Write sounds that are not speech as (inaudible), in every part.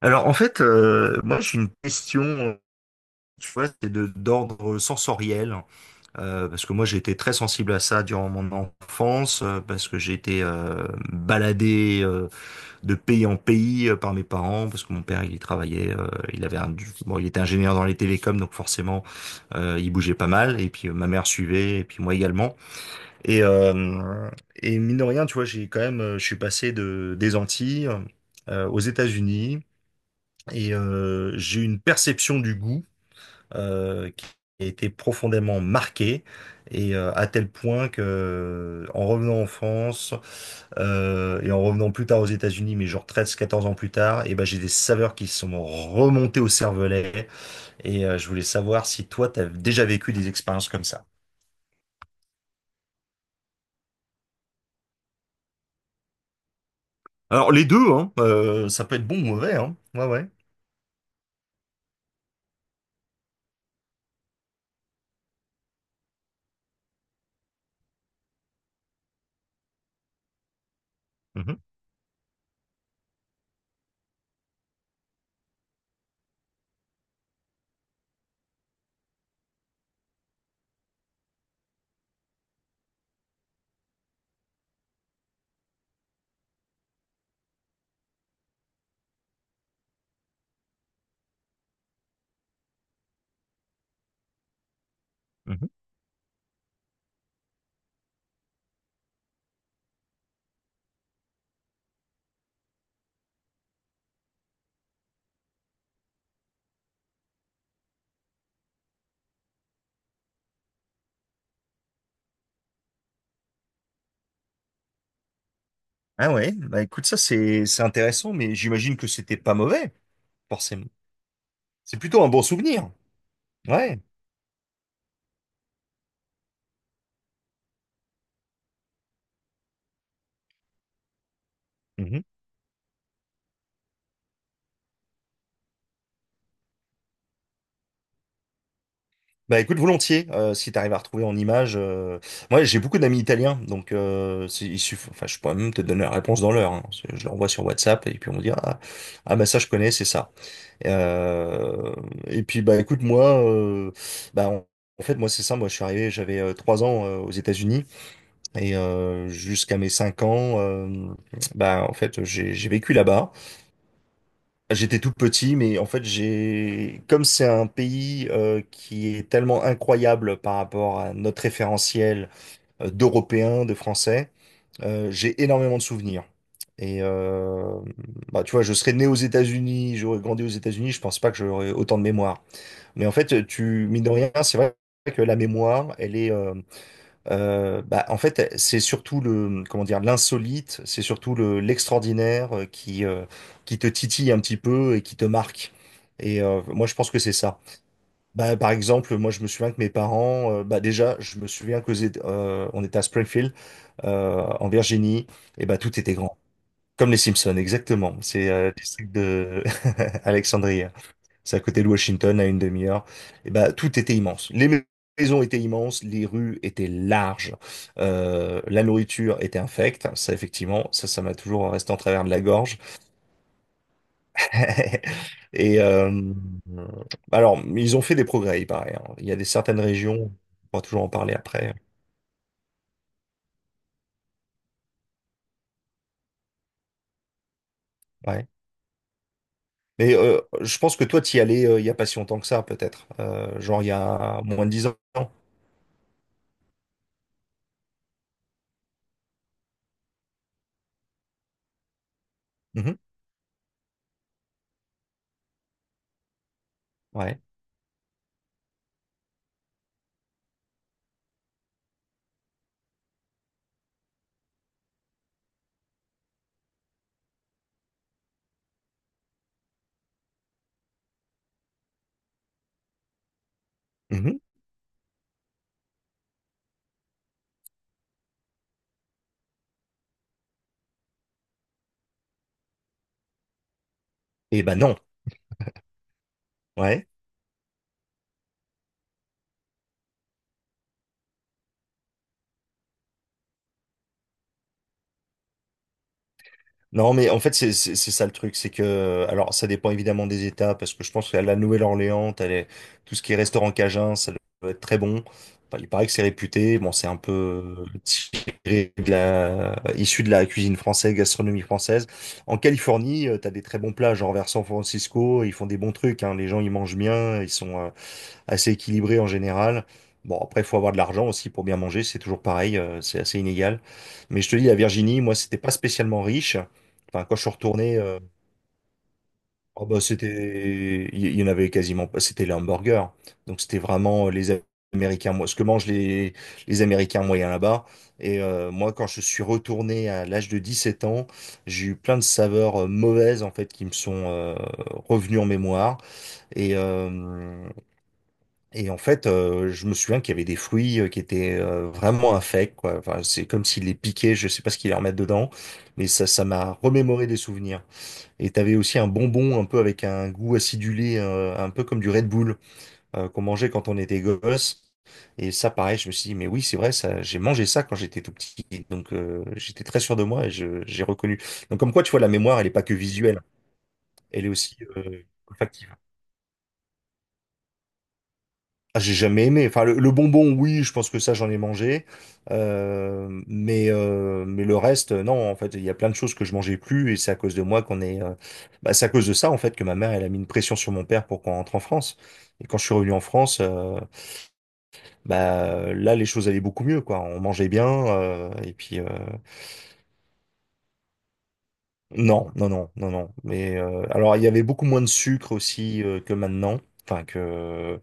Alors en fait, moi j'ai une question, tu vois, c'est de d'ordre sensoriel, parce que moi j'ai été très sensible à ça durant mon enfance, parce que j'ai été baladé de pays en pays par mes parents, parce que mon père il y travaillait, il avait un, bon, il était ingénieur dans les télécoms, donc forcément il bougeait pas mal, et puis ma mère suivait, et puis moi également, et euh, et mine de rien, tu vois, j'ai quand même, je suis passé de des Antilles aux États-Unis. Et j'ai une perception du goût qui a été profondément marquée, et à tel point que, en revenant en France et en revenant plus tard aux États-Unis, mais genre 13, 14 ans plus tard, et ben j'ai des saveurs qui sont remontées au cervelet. Et je voulais savoir si toi, tu as déjà vécu des expériences comme ça. Alors les deux, hein, ça peut être bon ou mauvais, hein. Ouais, ouais. Mhm, mhm. Ah ouais, bah écoute, ça, c'est intéressant, mais j'imagine que c'était pas mauvais, forcément. C'est plutôt un bon souvenir. Ouais. Mhm. Bah écoute, volontiers, si t'arrives à retrouver en images. Moi, j'ai beaucoup d'amis italiens, donc enfin, je pourrais même te donner la réponse dans l'heure, hein. Je leur envoie sur WhatsApp et puis on me dit ah, ah bah ça je connais, c'est ça. Euh, Et puis bah écoute, moi, bah en en fait moi c'est ça. Moi je suis arrivé, j'avais 3 ans aux États-Unis et jusqu'à mes 5 ans, bah en fait j'ai vécu là-bas. J'étais tout petit, mais en fait, j'ai, comme c'est un pays qui est tellement incroyable par rapport à notre référentiel d'Européens, de Français, j'ai énormément de souvenirs. Et bah, tu vois, je serais né aux États-Unis, j'aurais grandi aux États-Unis, je pense pas que j'aurais autant de mémoire. Mais en fait, tu, mine de rien, c'est vrai que la mémoire, elle est, bah, en fait, c'est surtout le, comment dire, l'insolite, c'est surtout le, l'extraordinaire qui te titille un petit peu et qui te marque. Et moi, je pense que c'est ça. Bah, par exemple, moi, je me souviens que mes parents, bah, déjà, je me souviens que on était à Springfield, en Virginie, et bah, tout était grand. Comme les Simpsons, exactement. C'est le district de (laughs) Alexandrie. C'est à côté de Washington, à une demi-heure. Et ben, tout était immense. Les maisons étaient immenses, les rues étaient larges, la nourriture était infecte. Ça, effectivement, ça m'a toujours resté en travers de la gorge. (laughs) Et alors, ils ont fait des progrès, il paraît, hein. Il y a des certaines régions, on va toujours en parler après. Ouais. Mais je pense que toi, t'y allais il y a pas si longtemps que ça, peut-être. Genre, il y a moins de 10 ans. Mhm. Ouais. Mhm. Et ben non. Ouais. Non, mais en fait, c'est ça le truc, c'est que, alors, ça dépend évidemment des États, parce que je pense qu'à la Nouvelle-Orléans, tout ce qui est restaurant cajun, ça doit être très bon. Enfin, il paraît que c'est réputé, bon, c'est un peu tiré de la, issu de la cuisine française, gastronomie française. En Californie, t'as des très bons plats, genre vers San Francisco, ils font des bons trucs, hein. Les gens, ils mangent bien, ils sont, assez équilibré en général. Bon, après, il faut avoir de l'argent aussi pour bien manger, c'est toujours pareil, c'est assez inégal. Mais je te dis, la Virginie, moi, c'était pas spécialement riche. Enfin, quand je suis retourné, oh, bah, c'était, il y en avait quasiment pas, c'était les hamburgers. Donc, c'était vraiment les Américains, moi, ce que mangent les Américains moyens là-bas. Et moi, quand je suis retourné à l'âge de 17 ans, j'ai eu plein de saveurs mauvaises, en fait, qui me sont revenues en mémoire. Et, en fait, je me souviens qu'il y avait des fruits qui étaient vraiment infects, quoi. Enfin, c'est comme s'il les piquait. Je sais pas ce qu'ils leur mettent dedans, mais ça m'a remémoré des souvenirs. Et t'avais aussi un bonbon un peu avec un goût acidulé, un peu comme du Red Bull, qu'on mangeait quand on était gosse. Et ça, pareil, je me suis dit, mais oui, c'est vrai, ça, j'ai mangé ça quand j'étais tout petit. Donc, j'étais très sûr de moi et j'ai reconnu. Donc, comme quoi, tu vois, la mémoire, elle est pas que visuelle, elle est aussi, olfactive. Ah, j'ai jamais aimé. Enfin, le bonbon, oui, je pense que ça, j'en ai mangé. Mais, mais le reste, non, en fait, il y a plein de choses que je mangeais plus et c'est à cause de moi qu'on est. Bah, c'est à cause de ça, en fait, que ma mère, elle a mis une pression sur mon père pour qu'on rentre en France. Et quand je suis revenu en France, bah, là, les choses allaient beaucoup mieux, quoi. On mangeait bien. Et puis, non, non, non, non, non. Mais alors, il y avait beaucoup moins de sucre aussi que maintenant. Enfin, que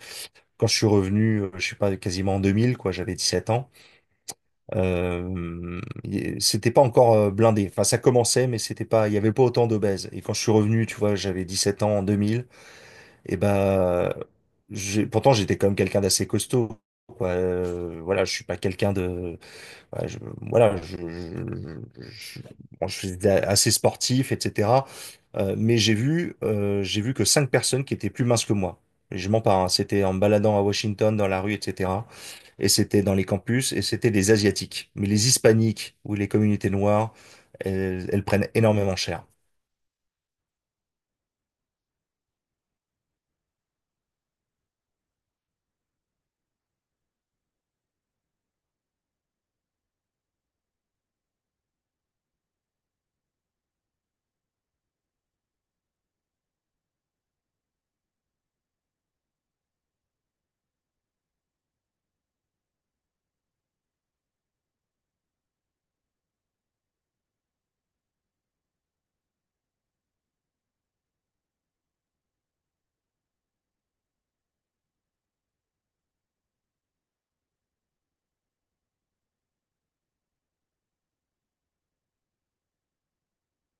quand je suis revenu, je sais pas, quasiment en 2000, quoi, j'avais 17 ans. C'était pas encore blindé. Enfin, ça commençait, mais c'était pas, il y avait pas autant d'obèses. Et quand je suis revenu, tu vois, j'avais 17 ans en deux mille. Et ben, j'ai, pourtant, j'étais quand même quelqu'un d'assez costaud. Quoi. Voilà, je suis pas quelqu'un de, ouais, voilà, bon, je suis assez sportif, etc. Mais j'ai vu que 5 personnes qui étaient plus minces que moi. Et je mens pas, hein. C'était en me baladant à Washington dans la rue, etc., et c'était dans les campus, et c'était des Asiatiques. Mais les Hispaniques ou les communautés noires, elles, elles prennent énormément cher.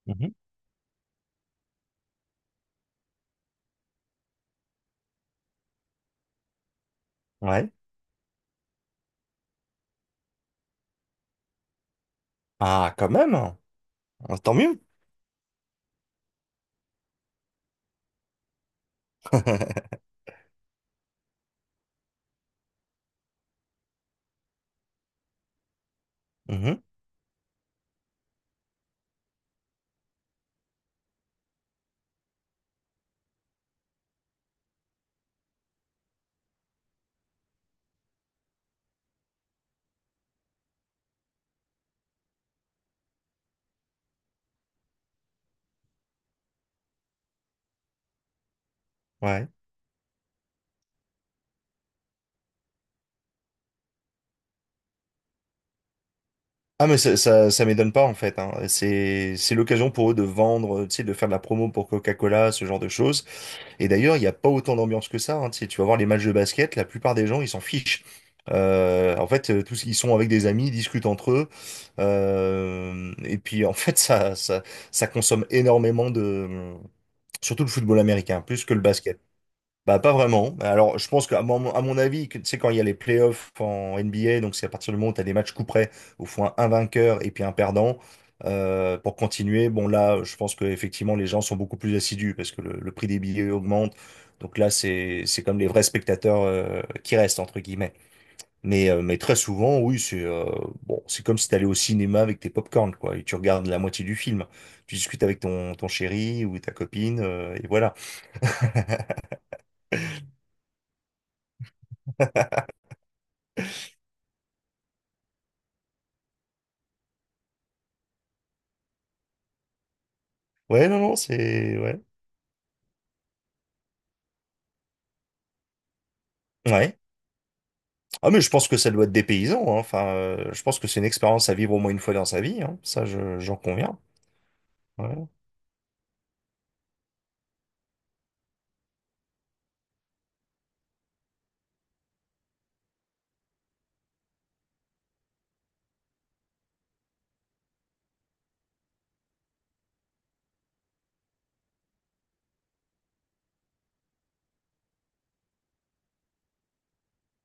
Mhm. Ouais. Ah, quand même. Ah, tant mieux. (laughs) Mhm. Ouais. Ah, mais ça m'étonne pas, en fait, hein. C'est l'occasion pour eux de vendre, tu sais, de faire de la promo pour Coca-Cola, ce genre de choses. Et d'ailleurs, il n'y a pas autant d'ambiance que ça, hein. Tu sais, tu vas voir les matchs de basket, la plupart des gens, ils s'en fichent. En fait, tous ils sont avec des amis, ils discutent entre eux. Et puis, en fait, ça consomme énormément de, surtout le football américain, plus que le basket. Bah, pas vraiment. Alors, je pense à mon avis, que, tu sais, quand il y a les playoffs en NBA, donc c'est à partir du moment où tu as des matchs coup près, au il un, vainqueur et puis un perdant, pour continuer, bon là, je pense que effectivement les gens sont beaucoup plus assidus parce que le prix des billets augmente. Donc là, c'est comme les vrais spectateurs, qui restent, entre guillemets. Mais, mais très souvent, oui, c'est bon, c'est comme si tu allais au cinéma avec tes pop-corn quoi, et tu regardes la moitié du film. Tu discutes avec ton chéri ou ta copine, et voilà. Ouais, non, non, c'est... Ouais. Ouais. Ah mais je pense que ça doit être des paysans, hein. Enfin, je pense que c'est une expérience à vivre au moins une fois dans sa vie, hein. Ça, j'en conviens. Ouais.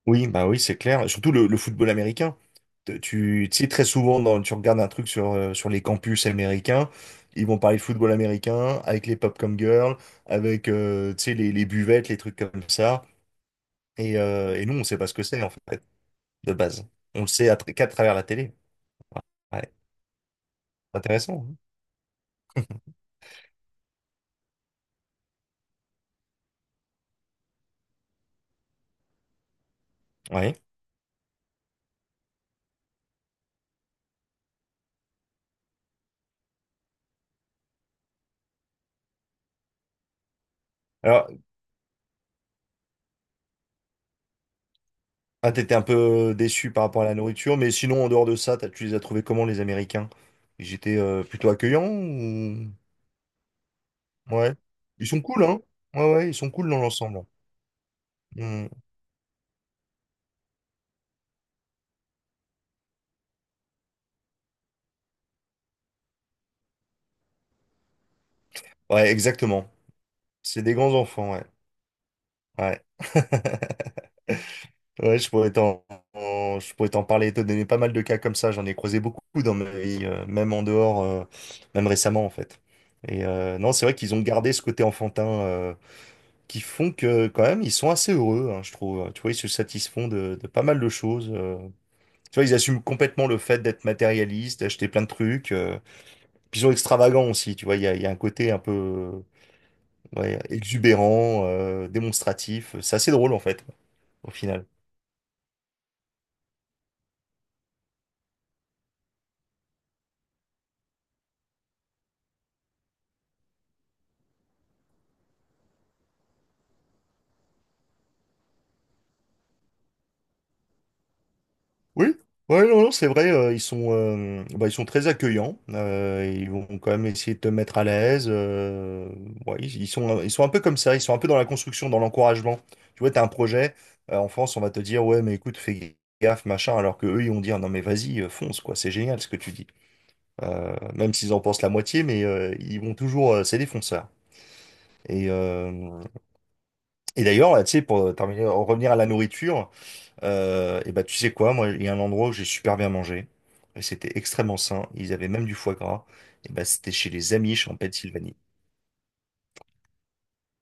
Oui, bah oui, c'est clair. Et surtout le football américain. Tu, tu sais, très souvent, dans, tu regardes un truc sur, sur les campus américains, ils vont parler de football américain avec les pop comme girls, avec tu sais, les buvettes, les trucs comme ça. Et, nous, on sait pas ce que c'est, en fait, de base. On le sait qu'à travers la télé. Ouais, c'est intéressant, hein. Ouais. Alors, ah, t'étais un peu déçu par rapport à la nourriture, mais sinon, en dehors de ça, tu les as trouvés comment, les Américains? Ils étaient plutôt accueillants ou... Ouais. Ils sont cool, hein? Ouais, ouais, ils sont cool dans l'ensemble. Hmm. Ouais, exactement. C'est des grands enfants, ouais. Ouais. (laughs) Ouais, je pourrais t'en parler, et te donner pas mal de cas comme ça. J'en ai croisé beaucoup dans ma vie, même en dehors, même récemment, en fait. Non, c'est vrai qu'ils ont gardé ce côté enfantin qui font que quand même ils sont assez heureux, hein, je trouve. Tu vois, ils se satisfont de pas mal de choses. Tu vois, ils assument complètement le fait d'être matérialiste, d'acheter plein de trucs. Puis ils sont extravagants aussi, tu vois, il y a un côté un peu ouais, exubérant, démonstratif. C'est assez drôle en fait, au final. Oui, ouais, non, non, c'est vrai, bah, ils sont très accueillants. Ils vont quand même essayer de te mettre à l'aise. Ouais, ils sont un peu comme ça. Ils sont un peu dans la construction, dans l'encouragement. Tu vois, t'as un projet. En France, on va te dire, ouais, mais écoute, fais gaffe, machin. Alors que eux, ils vont dire, non, mais vas-y, fonce, quoi. C'est génial ce que tu dis. Même s'ils en pensent la moitié, mais c'est des fonceurs. Et, euh, et d'ailleurs, là, tu sais, pour terminer, en revenir à la nourriture. Et bah tu sais quoi, moi il y a un endroit où j'ai super bien mangé. Et c'était extrêmement sain. Ils avaient même du foie gras. Et bah c'était chez les Amish en Pennsylvanie.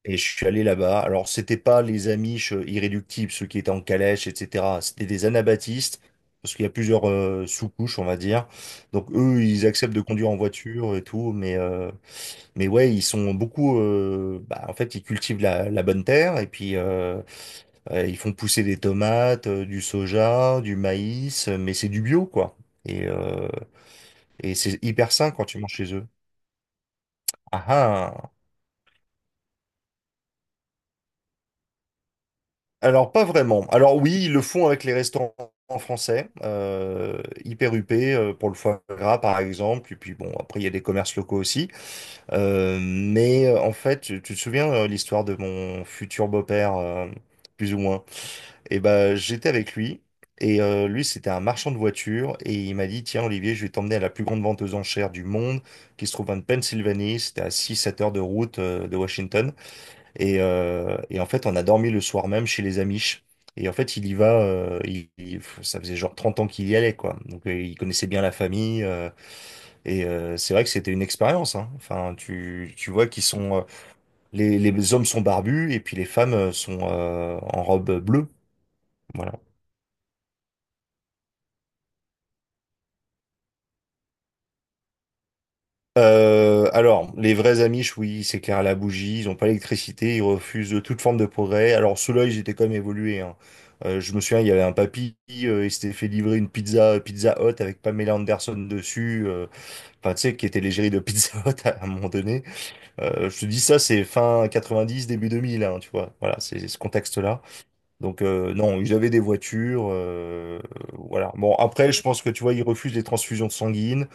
Et je suis allé là-bas. Alors c'était pas les Amish irréductibles, ceux qui étaient en calèche, etc. C'était des anabaptistes. Parce qu'il y a plusieurs sous-couches, on va dire. Donc eux, ils acceptent de conduire en voiture et tout, mais ouais, ils sont beaucoup. Bah, en fait, ils cultivent la bonne terre et puis ils font pousser des tomates, du soja, du maïs, mais c'est du bio, quoi. Et, euh, et c'est hyper sain quand tu manges chez eux. Ah ah. Alors, pas vraiment. Alors oui, ils le font avec les restaurants français, hyper huppés, pour le foie gras par exemple, et puis bon, après il y a des commerces locaux aussi. Mais en fait, tu te souviens l'histoire de mon futur beau-père, plus ou moins? Et ben, j'étais avec lui, et lui c'était un marchand de voitures, et il m'a dit, tiens Olivier, je vais t'emmener à la plus grande vente aux enchères du monde, qui se trouve en Pennsylvanie, c'était à 6 7 heures de route de Washington. Et en fait, on a dormi le soir même chez les Amish. Et en fait, il y va, ça faisait genre 30 ans qu'il y allait, quoi. Donc, il connaissait bien la famille. C'est vrai que c'était une expérience, hein. Enfin, tu vois qu'ils sont... les hommes sont barbus et puis les femmes sont en robe bleue. Voilà. Alors, les vrais Amish, oui, c'est clair à la bougie, ils n'ont pas l'électricité, ils refusent toute forme de progrès. Alors, ceux-là, ils étaient quand même évolués, hein. Je me souviens, il y avait un papy, il s'était fait livrer une pizza, Pizza Hut avec Pamela Anderson dessus, enfin, tu sais, qui était l'égérie de Pizza (laughs) Hut à un moment donné. Je te dis ça, c'est fin 90, début 2000, hein, tu vois. Voilà, c'est ce contexte-là. Donc, non, ils avaient des voitures, voilà. Bon, après, je pense que, tu vois, ils refusent les transfusions sanguines.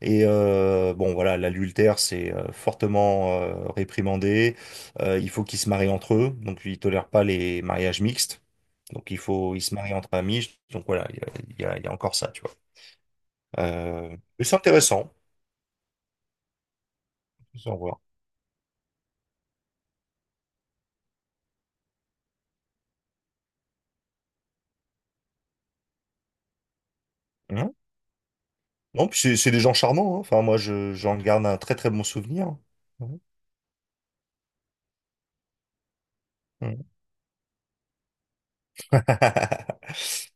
Bon, voilà, l'adultère, c'est fortement réprimandé. Il faut qu'ils se marient entre eux, donc ils tolèrent pas les mariages mixtes. Donc il faut, ils se marient entre amis. Donc voilà, il y a encore ça, tu vois. Mais c'est intéressant. C'est à voir. Hein. Non, puis c'est des gens charmants, hein. Enfin, moi, j'en garde un très très bon souvenir. Mhm. Mhm. (laughs)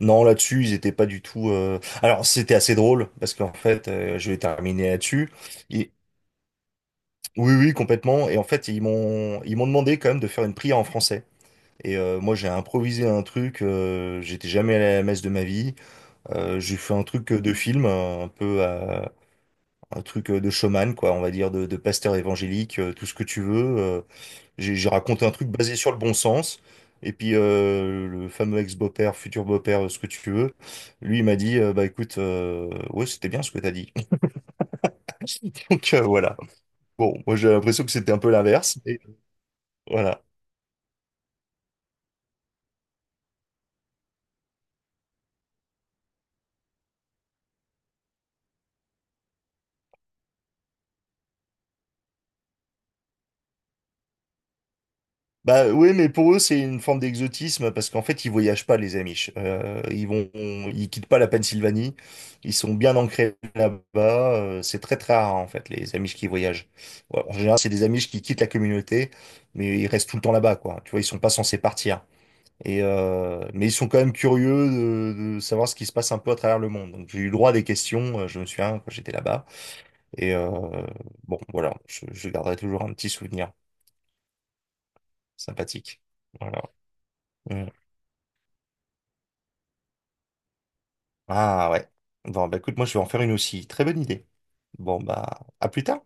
Non, là-dessus, ils étaient pas du tout. Alors, c'était assez drôle parce qu'en fait, je vais terminer là-dessus. Oui, oui, complètement. Et en fait, ils m'ont demandé quand même de faire une prière en français. Moi, j'ai improvisé un truc. J'étais jamais allé à la messe de ma vie. J'ai fait un truc de film, un truc de showman, quoi. On va dire de pasteur évangélique, tout ce que tu veux. J'ai raconté un truc basé sur le bon sens. Et puis le fameux ex-beau-père, futur beau-père, ce que tu veux, lui, il m'a dit, bah écoute, ouais, c'était bien ce que t'as dit. (laughs) Donc voilà. Bon, moi, j'ai l'impression que c'était un peu l'inverse, mais voilà. Bah oui, mais pour eux, c'est une forme d'exotisme parce qu'en fait, ils voyagent pas, les Amish. Ils quittent pas la Pennsylvanie. Ils sont bien ancrés là-bas. C'est très très rare en fait les Amish qui voyagent. Ouais, en général, c'est des Amish qui quittent la communauté, mais ils restent tout le temps là-bas, quoi. Tu vois, ils sont pas censés partir. Mais ils sont quand même curieux de savoir ce qui se passe un peu à travers le monde. Donc j'ai eu le droit à des questions. Je me souviens quand j'étais là-bas. Et euh, bon, voilà, je garderai toujours un petit souvenir sympathique. Voilà. Mm. Ah ouais. Bon, bah écoute, moi je vais en faire une aussi. Très bonne idée. Bon, bah, à plus tard.